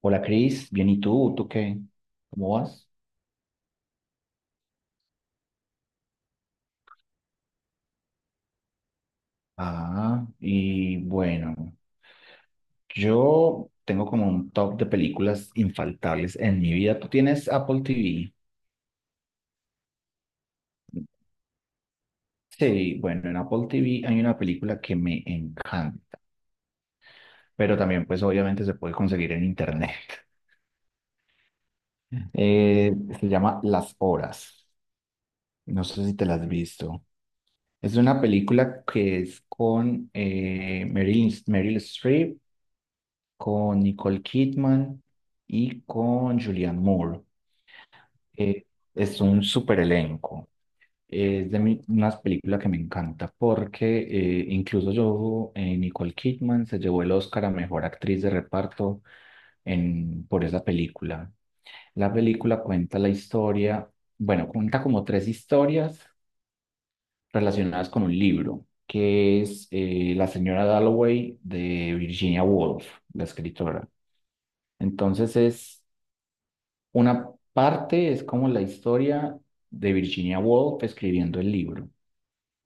Hola Cris, bien, ¿y tú? ¿Tú qué? ¿Cómo vas? Ah, y bueno, yo tengo como un top de películas infaltables en mi vida. ¿Tú tienes Apple TV? Sí, bueno, en Apple TV hay una película que me encanta, pero también pues obviamente se puede conseguir en internet. Eh, se llama Las Horas. No sé si te las has visto. Es una película que es con Meryl Streep con Nicole Kidman y con Julianne Moore. Eh, es un super elenco. Es de unas películas que me encanta porque incluso yo, Nicole Kidman se llevó el Oscar a Mejor Actriz de Reparto en, por esa película. La película cuenta la historia, bueno, cuenta como tres historias relacionadas con un libro, que es La señora Dalloway de Virginia Woolf, la escritora. Entonces es una parte es como la historia de Virginia Woolf escribiendo el libro,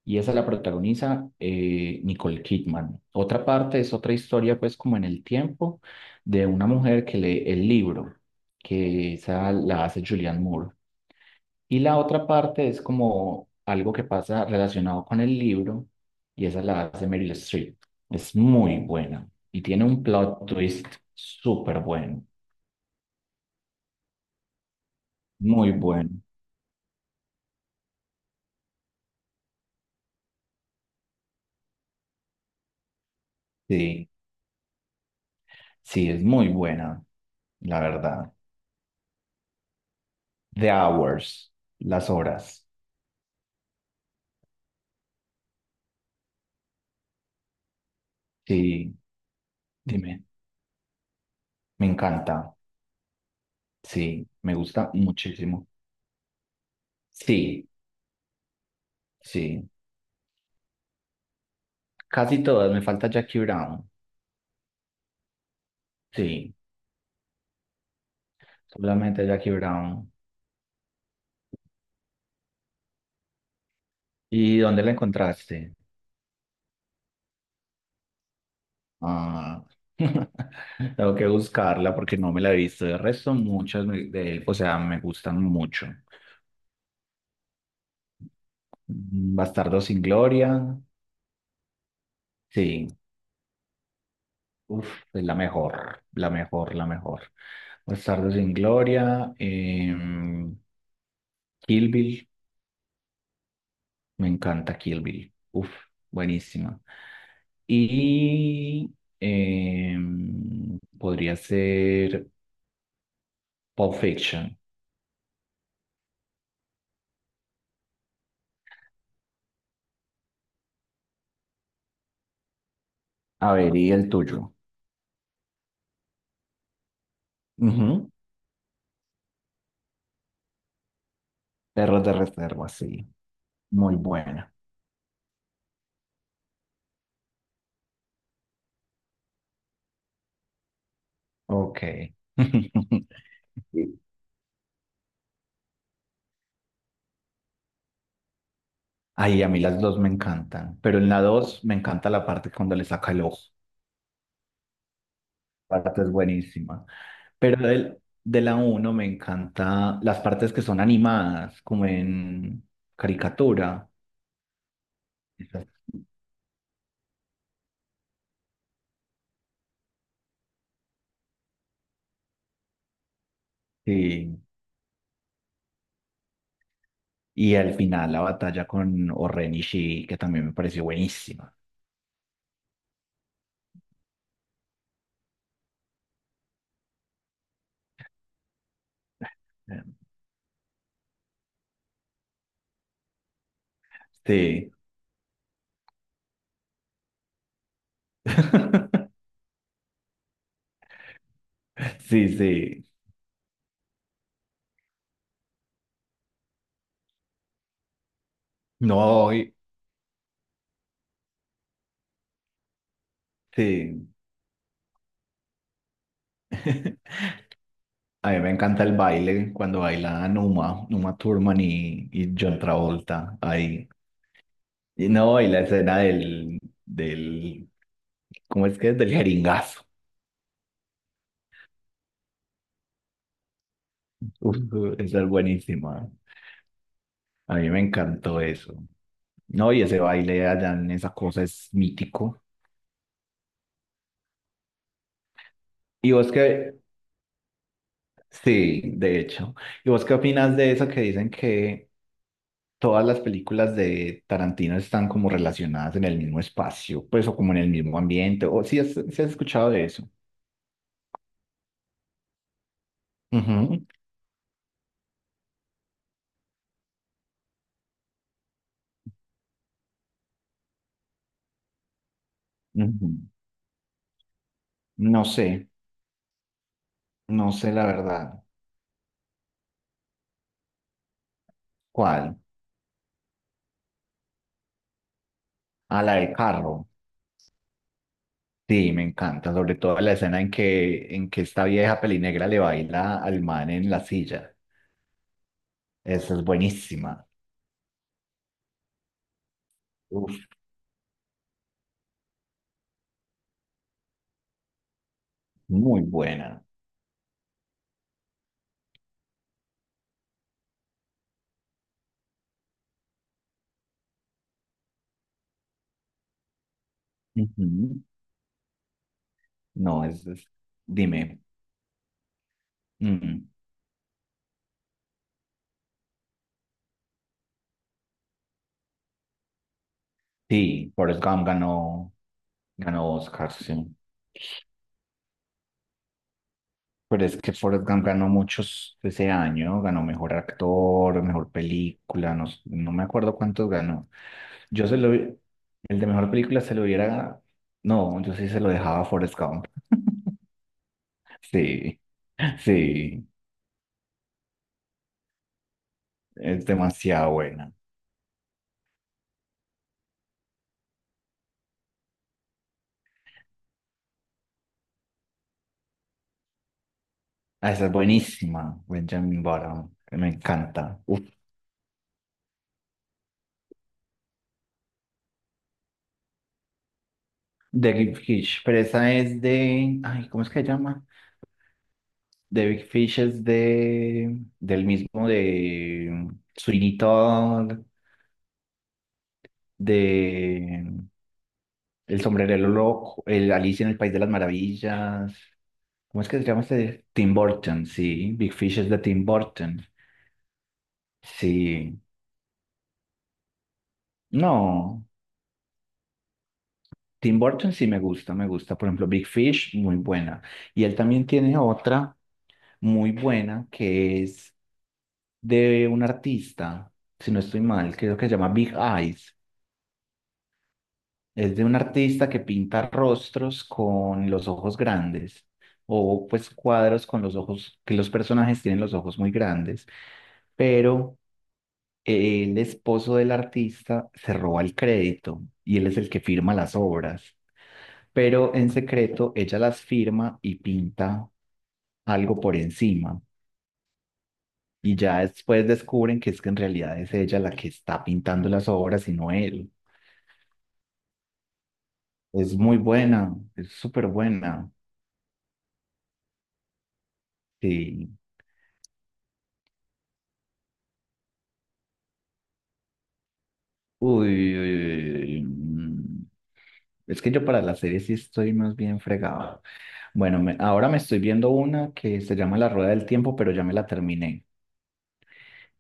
y esa la protagoniza Nicole Kidman. Otra parte es otra historia, pues como en el tiempo, de una mujer que lee el libro, que esa la hace Julianne Moore. Y la otra parte es como algo que pasa relacionado con el libro, y esa la hace Meryl Streep. Es muy buena y tiene un plot twist súper bueno, muy bueno. Sí. Sí, es muy buena, la verdad. The Hours, las horas. Sí, dime, me encanta. Sí, me gusta muchísimo. Sí, sí. Casi todas, me falta Jackie Brown. Sí, solamente Jackie Brown. ¿Y dónde la encontraste? Ah, tengo que buscarla porque no me la he visto. De resto, muchas de él, o sea, me gustan mucho. Mm, Bastardo sin Gloria. Sí, uf, es la mejor, la mejor, la mejor. Bastardos sin Gloria, Kill Bill, me encanta Kill Bill. Uf, buenísima. Y podría ser Pulp Fiction. A ver, y el tuyo. Ujú. Perros de reserva, sí. Muy buena. Ok. Ay, a mí las dos me encantan, pero en la dos me encanta la parte cuando le saca el ojo. Parte es buenísima. Pero del, de la uno me encanta las partes que son animadas, como en caricatura. Esas, sí. Y al final la batalla con Oren Ishii, que también me pareció buenísima. Sí. Sí, sí. No, y- sí. A mí me encanta el baile cuando bailan Uma Thurman y John Travolta. Ahí y no, y la escena del, ¿cómo es que es? Del jeringazo. Uf, esa es buenísima. A mí me encantó eso. No, y ese baile allá en esa cosa es mítico. Y vos qué, sí, de hecho. ¿Y vos qué opinas de eso que dicen que todas las películas de Tarantino están como relacionadas en el mismo espacio, pues o como en el mismo ambiente? ¿O si has, sí has escuchado de eso? Ujú, ujú. No sé, no sé la verdad. ¿Cuál? A la del carro. Sí, me encanta. Sobre todo la escena en que esta vieja pelinegra le baila al man en la silla. Esa es buenísima. Uf, muy buena. Ujú. No, es- dime. Mm, sí, Forrest Gump ganó, ganó Oscar, sí. Pero es que Forrest Gump ganó muchos ese año, ganó mejor actor, mejor película, no, no me acuerdo cuántos ganó. El de mejor película se lo hubiera, no, yo sí se lo dejaba a Forrest Gump. Sí, sí, es demasiado buena. Ah, esa es buenísima, Benjamin Button, me encanta. Uf, The Gift Hitch, pero esa es de, ay, ¿cómo es que se llama? The Big Fish es del mismo de Sweeney Todd, de El Sombrerero Loco, el Alicia en el País de las Maravillas. ¿Cómo es que se llama este? Tim Burton, sí. Big Fish es de Tim Burton. Sí. No, Tim Burton sí me gusta, me gusta. Por ejemplo, Big Fish, muy buena. Y él también tiene otra muy buena que es de un artista, si no estoy mal, creo que se llama Big Eyes. Es de un artista que pinta rostros con los ojos grandes o pues cuadros con los ojos, que los personajes tienen los ojos muy grandes, pero el esposo del artista se roba el crédito y él es el que firma las obras, pero en secreto ella las firma y pinta algo por encima y ya después descubren que es que en realidad es ella la que está pintando las obras y no él. Es muy buena, es súper buena. Sí. Uy, uy, uy, uy, mm. Es que yo para las series sí estoy más bien fregado. Bueno, ahora me estoy viendo una que se llama La Rueda del Tiempo, pero ya me la terminé.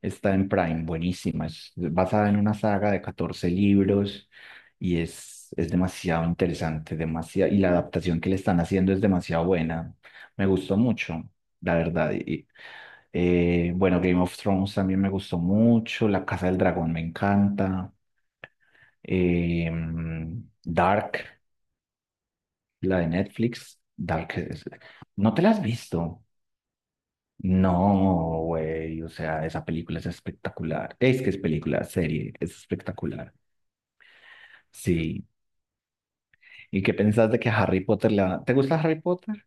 Está en Prime, buenísima. Es basada en una saga de 14 libros y es demasiado interesante, demasiado, y la adaptación que le están haciendo es demasiado buena. Me gustó mucho, la verdad. Game of Thrones también me gustó mucho, La Casa del Dragón me encanta. eh, Dark, la de Netflix. ¿No te la has visto? No, güey, o sea, esa película es espectacular. Es que es película, serie, es espectacular. Sí. ¿Y qué pensás de que Harry Potter la... ¿Te gusta Harry Potter?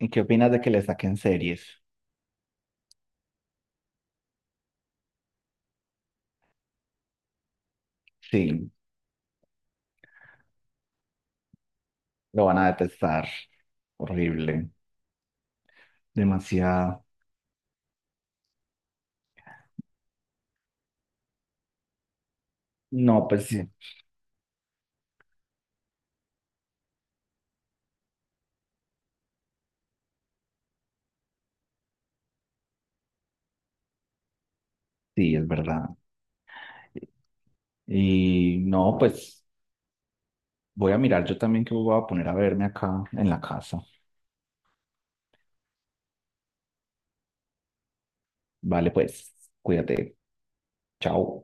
¿Y qué opinas de que le saquen series? Sí, lo van a detestar. Horrible. Demasiado. No, pues sí, sí, es verdad. Y no, pues voy a mirar yo también que voy a poner a verme acá en la casa. Vale, pues, cuídate. Chao.